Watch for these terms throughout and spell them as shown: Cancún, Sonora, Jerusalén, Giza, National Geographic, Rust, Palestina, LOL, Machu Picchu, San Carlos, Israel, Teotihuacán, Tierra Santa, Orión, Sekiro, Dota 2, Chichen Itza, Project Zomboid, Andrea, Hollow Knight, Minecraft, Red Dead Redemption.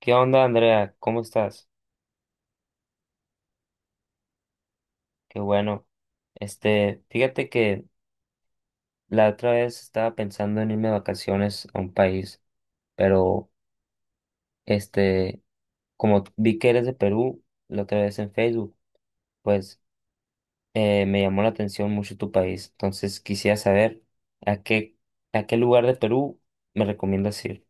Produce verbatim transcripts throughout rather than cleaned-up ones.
¿Qué onda, Andrea? ¿Cómo estás? Qué bueno. Este, fíjate que la otra vez estaba pensando en irme de vacaciones a un país, pero este, como vi que eres de Perú la otra vez en Facebook, pues eh, me llamó la atención mucho tu país. Entonces quisiera saber a qué, a qué lugar de Perú me recomiendas ir.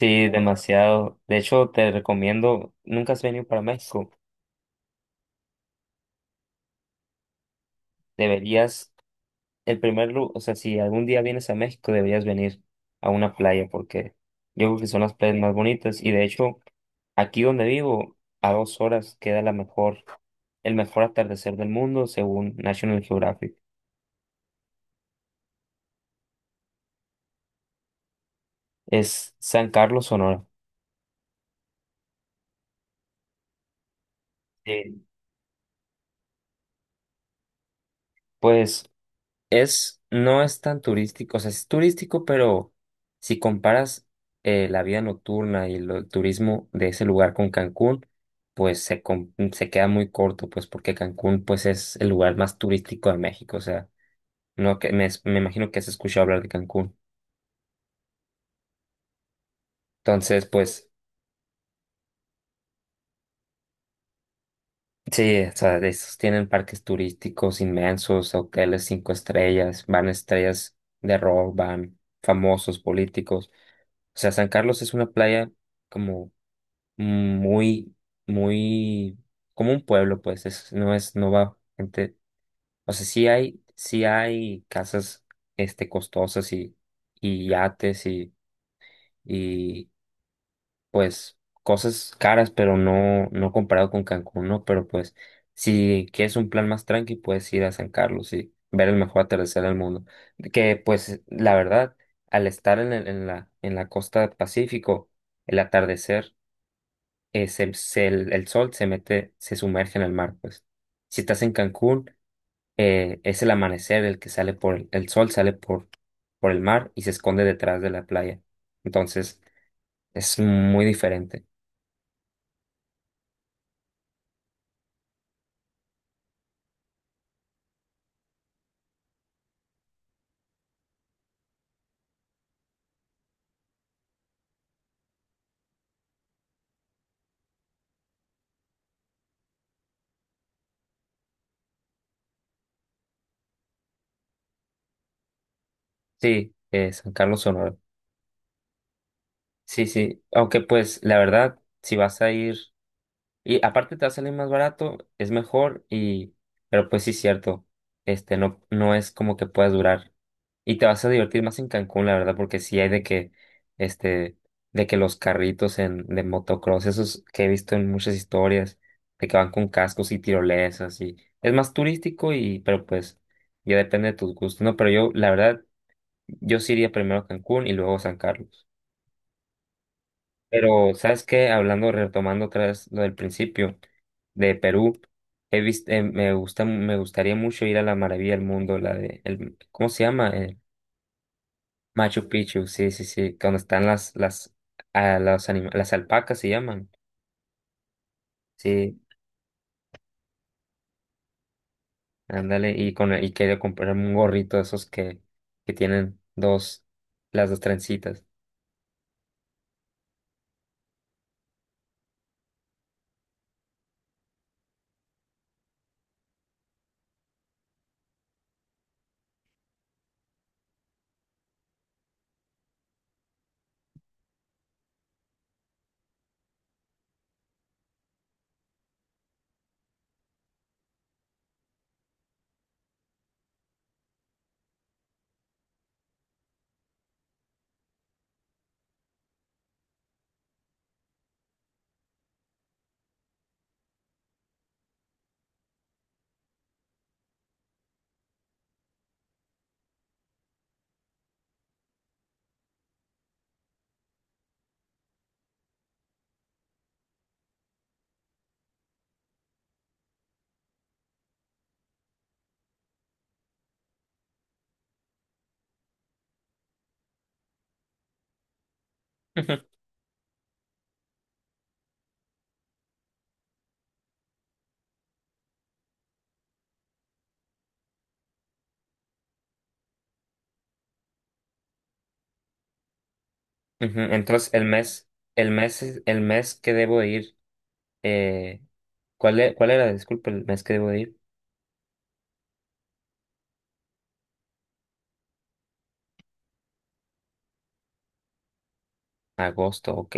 Sí, demasiado. De hecho, te recomiendo, nunca has venido para México, deberías. El primer lugar, o sea, si algún día vienes a México, deberías venir a una playa porque yo creo que son las playas más bonitas y, de hecho, aquí donde vivo, a dos horas queda la mejor, el mejor atardecer del mundo según National Geographic. Es San Carlos, Sonora. Sí, pues es, no es tan turístico, o sea, es turístico, pero si comparas eh, la vida nocturna y lo- el turismo de ese lugar con Cancún, pues se, com- se queda muy corto, pues porque Cancún pues es el lugar más turístico de México, o sea, no que me, es- me imagino que has escuchado hablar de Cancún. Entonces, pues sí, o sea, de esos tienen parques turísticos inmensos, hoteles cinco estrellas, van estrellas de rock, van famosos políticos. O sea, San Carlos es una playa como muy, muy como un pueblo, pues es, no es, no va gente, o sea, sí hay, sí hay casas, este, costosas y, y yates y, y pues cosas caras, pero no, no comparado con Cancún, ¿no? Pero pues si quieres un plan más tranqui, puedes ir a San Carlos y ver el mejor atardecer del mundo. Que pues la verdad, al estar en, el- en la, en la costa del Pacífico, el atardecer eh, se- se- el, el sol se mete, se sumerge en el mar, pues. Si estás en Cancún, eh, es el amanecer el que sale por el, el sol, sale por, por el mar y se esconde detrás de la playa. Entonces, es muy diferente. Sí, eh, San Carlos, Sonora. Sí, sí, aunque pues la verdad, si vas a ir. Y aparte te va a salir más barato, es mejor y... Pero pues sí, cierto, este no, no es como que puedas durar. Y te vas a divertir más en Cancún, la verdad, porque sí hay de que, este, de que los carritos en, de motocross, esos que he visto en muchas historias, de que van con cascos y tirolesas y es más turístico y, pero pues ya depende de tus gustos, ¿no? Pero yo, la verdad, yo sí iría primero a Cancún y luego a San Carlos. Pero, ¿sabes qué? Hablando, retomando otra vez lo del principio de Perú, he visto, me gusta, me gustaría mucho ir a la maravilla del mundo, la de, el, ¿cómo se llama? El Machu Picchu, sí, sí, sí, cuando están las, las, a los anima- las alpacas se llaman, sí, ándale, y con, y quería comprar un gorrito de esos que, que tienen dos, las dos trencitas. Ujú. Ujú. Entonces, el mes, el mes, es- el mes que debo de ir. eh, ¿cuál, e- cuál era? Disculpe, el mes que debo de ir. Agosto, ok.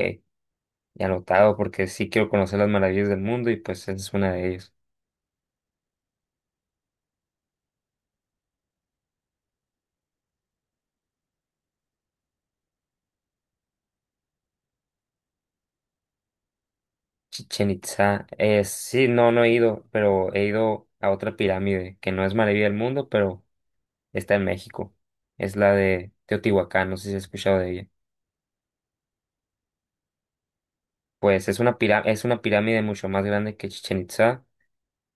Ya anotado porque sí quiero conocer las maravillas del mundo y pues esa es una de ellas. Chichen Itza. Eh, sí, no, no he ido, pero he ido a otra pirámide que no es maravilla del mundo, pero está en México. Es la de Teotihuacán, no sé si has escuchado de ella. Pues es una pirá- es una pirámide mucho más grande que Chichen Itza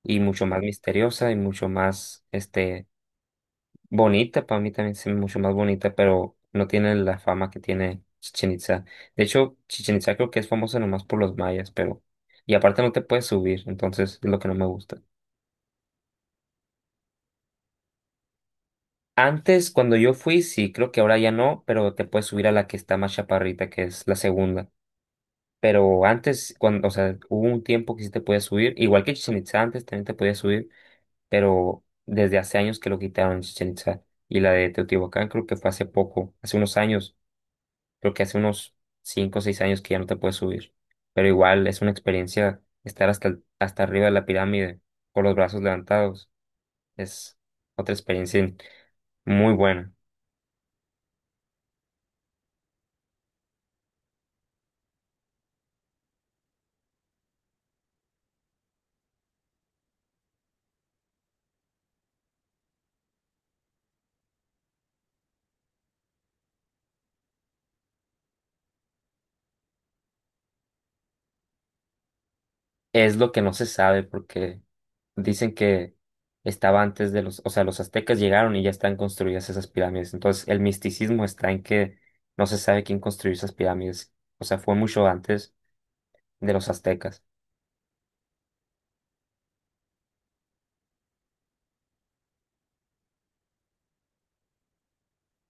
y mucho más misteriosa y mucho más, este, bonita, para mí también es mucho más bonita, pero no tiene la fama que tiene Chichen Itza. De hecho, Chichen Itza creo que es famosa nomás por los mayas, pero... Y aparte no te puedes subir, entonces es lo que no me gusta. Antes, cuando yo fui, sí, creo que ahora ya no, pero te puedes subir a la que está más chaparrita, que es la segunda. Pero antes, cuando, o sea, hubo un tiempo que sí te podías subir, igual que Chichen Itza antes también te podías subir, pero desde hace años que lo quitaron Chichen Itza. Y la de Teotihuacán creo que fue hace poco, hace unos años. Creo que hace unos cinco o seis años que ya no te puedes subir. Pero igual es una experiencia estar hasta, el- hasta arriba de la pirámide con los brazos levantados. Es otra experiencia muy buena. Es lo que no se sabe porque dicen que estaba antes de los, o sea, los aztecas llegaron y ya están construidas esas pirámides. Entonces el misticismo está en que no se sabe quién construyó esas pirámides. O sea, fue mucho antes de los aztecas.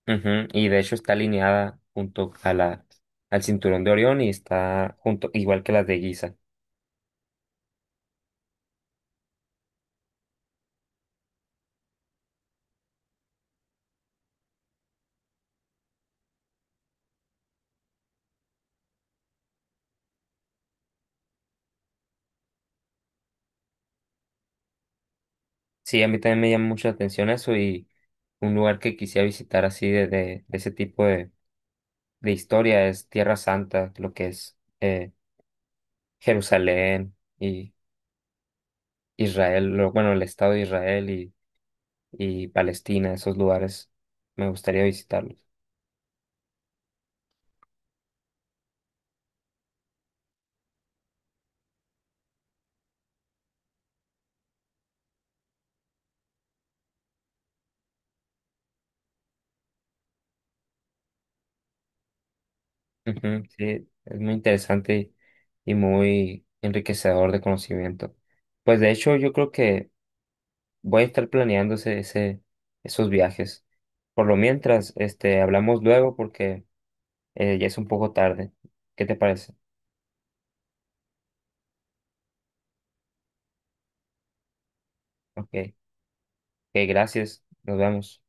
Ujú. Y de hecho está alineada junto a la, al cinturón de Orión y está junto, igual que las de Giza. Sí, a mí también me llama mucho la atención eso y un lugar que quisiera visitar así de, de, de ese tipo de, de historia es Tierra Santa, lo que es eh, Jerusalén y Israel, lo- bueno, el Estado de Israel y, y Palestina, esos lugares me gustaría visitarlos. Ujú. Sí, es muy interesante y muy enriquecedor de conocimiento. Pues de hecho, yo creo que voy a estar planeando ese, ese- esos viajes. Por lo mientras, este, hablamos luego porque eh, ya es un poco tarde. ¿Qué te parece? Ok, ok, gracias. Nos vemos.